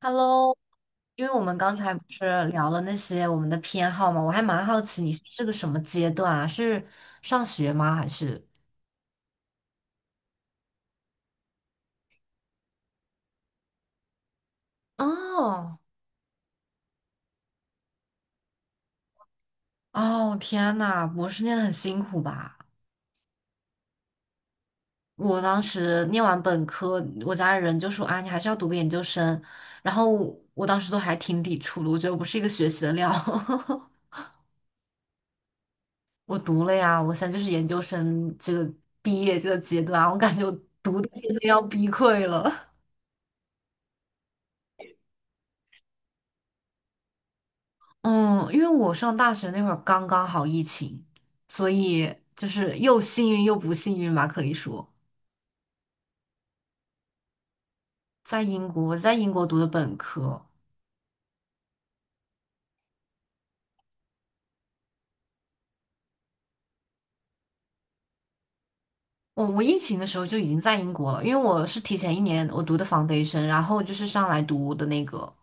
Hello，因为我们刚才不是聊了那些我们的偏好嘛，我还蛮好奇你是个什么阶段啊？是上学吗？还是？哦哦，天呐，博士念的很辛苦吧？我当时念完本科，我家里人就说啊，你还是要读个研究生。然后我当时都还挺抵触的，我觉得我不是一个学习的料。我读了呀，我现在就是研究生这个毕业这个阶段啊，我感觉我读的真的要崩溃了。嗯，因为我上大学那会儿刚刚好疫情，所以就是又幸运又不幸运吧，可以说在英国，我在英国读的本科。我疫情的时候就已经在英国了，因为我是提前一年我读的 foundation，然后就是上来读的那个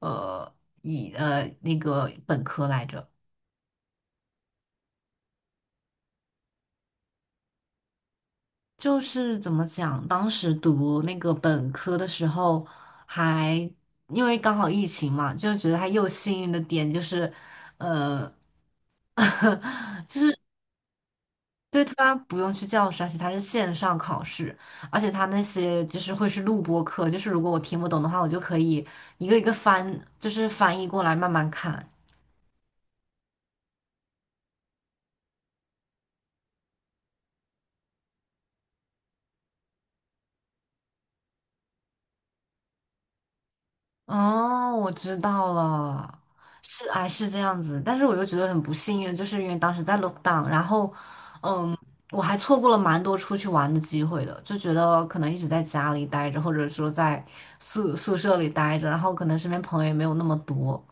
呃以呃那个本科来着。就是怎么讲，当时读那个本科的时候还因为刚好疫情嘛，就觉得它又幸运的点就是，呃，对，他不用去教室，而且他是线上考试，而且他那些就是会是录播课，就是如果我听不懂的话，我就可以一个一个翻，就是翻译过来慢慢看。哦，我知道了，这样子，但是我又觉得很不幸运，就是因为当时在 lockdown，然后嗯，我还错过了蛮多出去玩的机会的，就觉得可能一直在家里待着，或者说在宿舍里待着，然后可能身边朋友也没有那么多。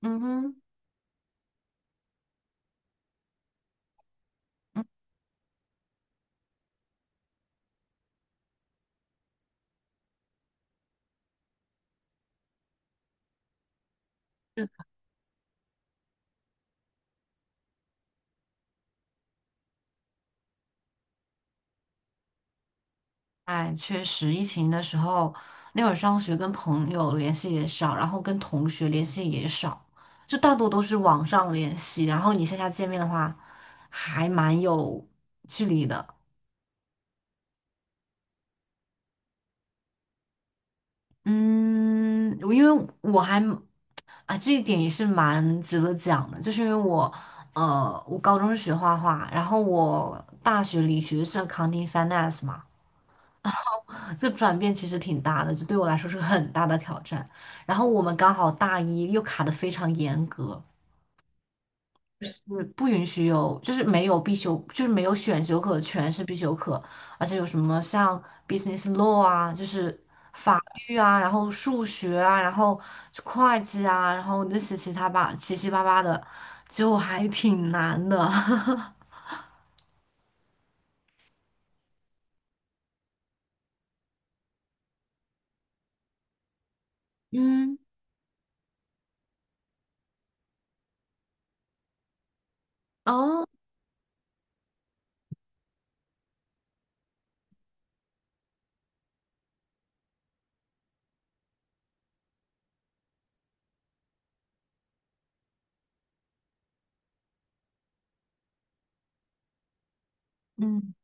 嗯哼。嗯，哎，确实，疫情的时候，那会儿上学跟朋友联系也少，然后跟同学联系也少，就大多都是网上联系。然后你线下见面的话，还蛮有距离的。嗯，我因为我还啊，这一点也是蛮值得讲的，就是因为我，我高中是学画画，然后我大学里学的是 accounting finance 嘛。这转变其实挺大的，就对我来说是个很大的挑战。然后我们刚好大一又卡得非常严格，就是不允许有，就是没有必修，就是没有选修课，全是必修课。而且有什么像 business law 啊，就是英语啊，然后数学啊，然后会计啊，然后那些其他吧，七七八八的，就还挺难的。嗯，哦，嗯，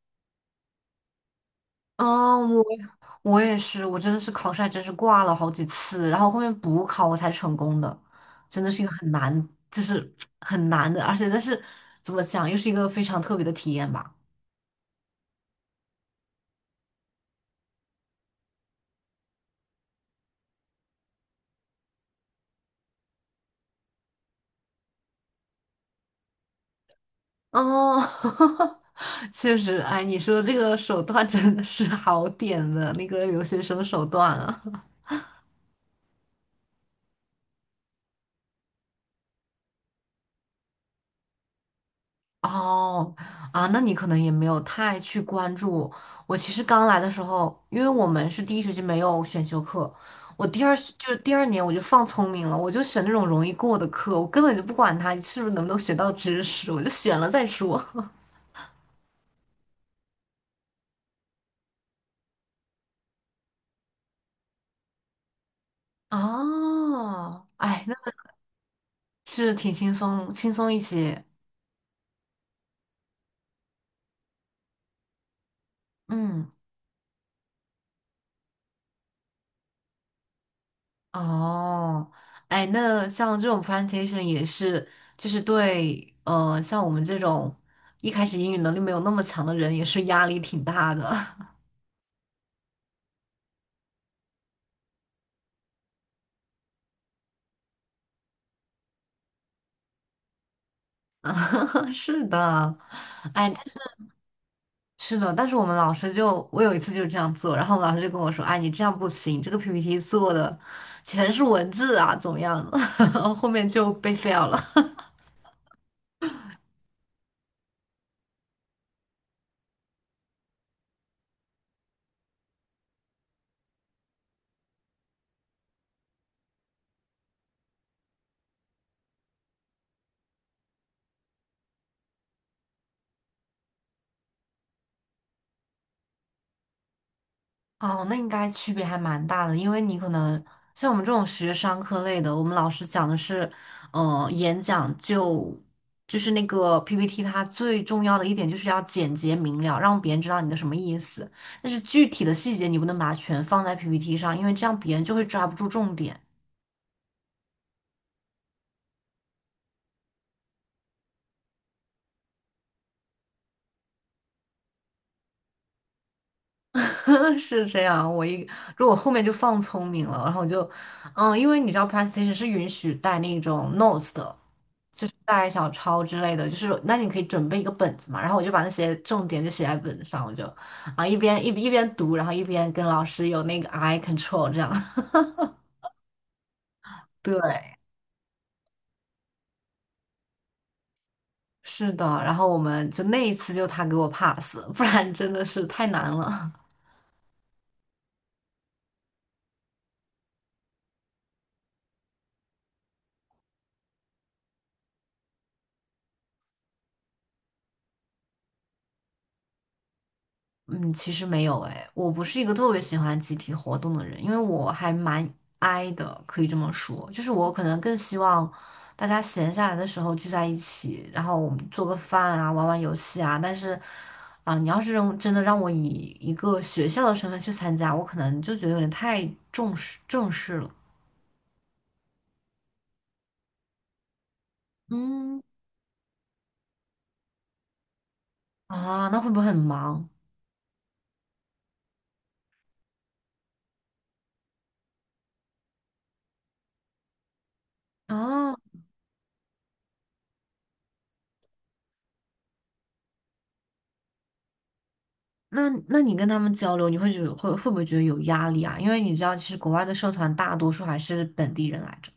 哦，我。我也是，我真的是考试还真是挂了好几次，然后后面补考我才成功的，真的是一个很难，就是很难的，但是怎么讲，又是一个非常特别的体验吧。哦，确实，哎，你说这个手段真的是好点的，那个留学生手段啊。哦，啊，那你可能也没有太去关注。我其实刚来的时候，因为我们是第一学期没有选修课，我第二学就是第二年我就放聪明了，我就选那种容易过的课，我根本就不管它是不是能不能学到知识，我就选了再说。哦，哎，那是挺轻松，轻松一些。嗯。哦，哎，那像这种 presentation 也是，就是对，像我们这种一开始英语能力没有那么强的人，也是压力挺大的。啊，是的，哎，但是是的，但是我们老师就，我有一次就是这样做，然后我们老师就跟我说，哎，你这样不行，这个 PPT 做的全是文字啊，怎么样？后面就被 fail 了。哦，那应该区别还蛮大的，因为你可能像我们这种学商科类的，我们老师讲的是，演讲就是那个 PPT，它最重要的一点就是要简洁明了，让别人知道你的什么意思。但是具体的细节你不能把它全放在 PPT 上，因为这样别人就会抓不住重点。是这样，如果后面就放聪明了，然后我就，嗯，因为你知道 presentation 是允许带那种 notes 的。就是带小抄之类的，就是那你可以准备一个本子嘛，然后我就把那些重点就写在本子上，我就啊一边读，然后一边跟老师有那个 eye control 这样。对，是的，然后我们就那一次就他给我 pass，不然真的是太难了。嗯，其实没有诶，我不是一个特别喜欢集体活动的人，因为我还蛮 i 的，可以这么说，就是我可能更希望大家闲下来的时候聚在一起，然后我们做个饭啊，玩玩游戏啊。但是，啊、你要是让真的让我以一个学校的身份去参加，我可能就觉得有点太正式了。嗯，啊，那会不会很忙啊？那那你跟他们交流，你会觉得会不会觉得有压力啊？因为你知道，其实国外的社团大多数还是本地人来着。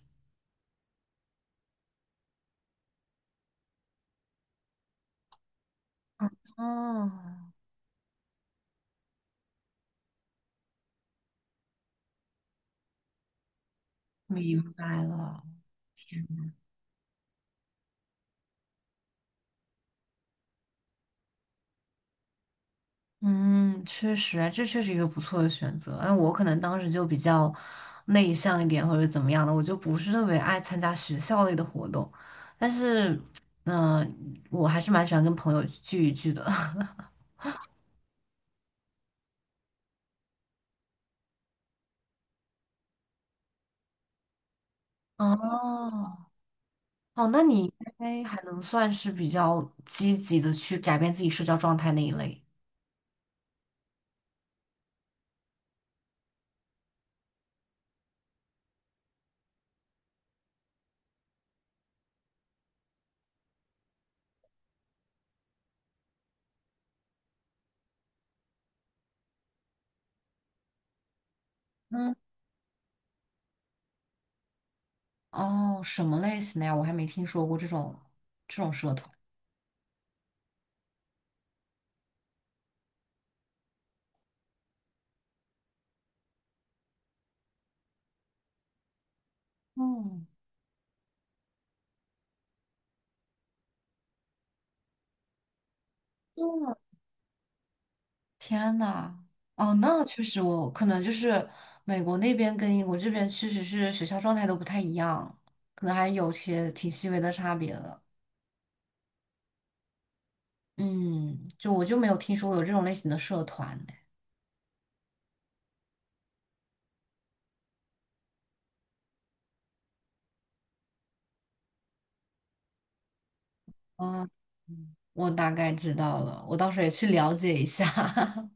哦，明白了，嗯，确实，啊，这确实一个不错的选择。哎，我可能当时就比较内向一点，或者怎么样的，我就不是特别爱参加学校类的活动。但是，嗯、我还是蛮喜欢跟朋友聚一聚的。哦，哦，那你应该还能算是比较积极的去改变自己社交状态那一类。嗯，哦，什么类型的呀？我还没听说过这种社团。嗯，嗯，天呐，哦，那确实我，可能就是美国那边跟英国这边确实是学校状态都不太一样，可能还有些挺细微的差别的。嗯，就我就没有听说过有这种类型的社团呢。啊，嗯我大概知道了，我到时候也去了解一下。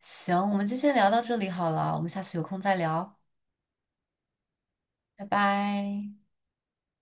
行，我们就先聊到这里好了，我们下次有空再聊，拜拜。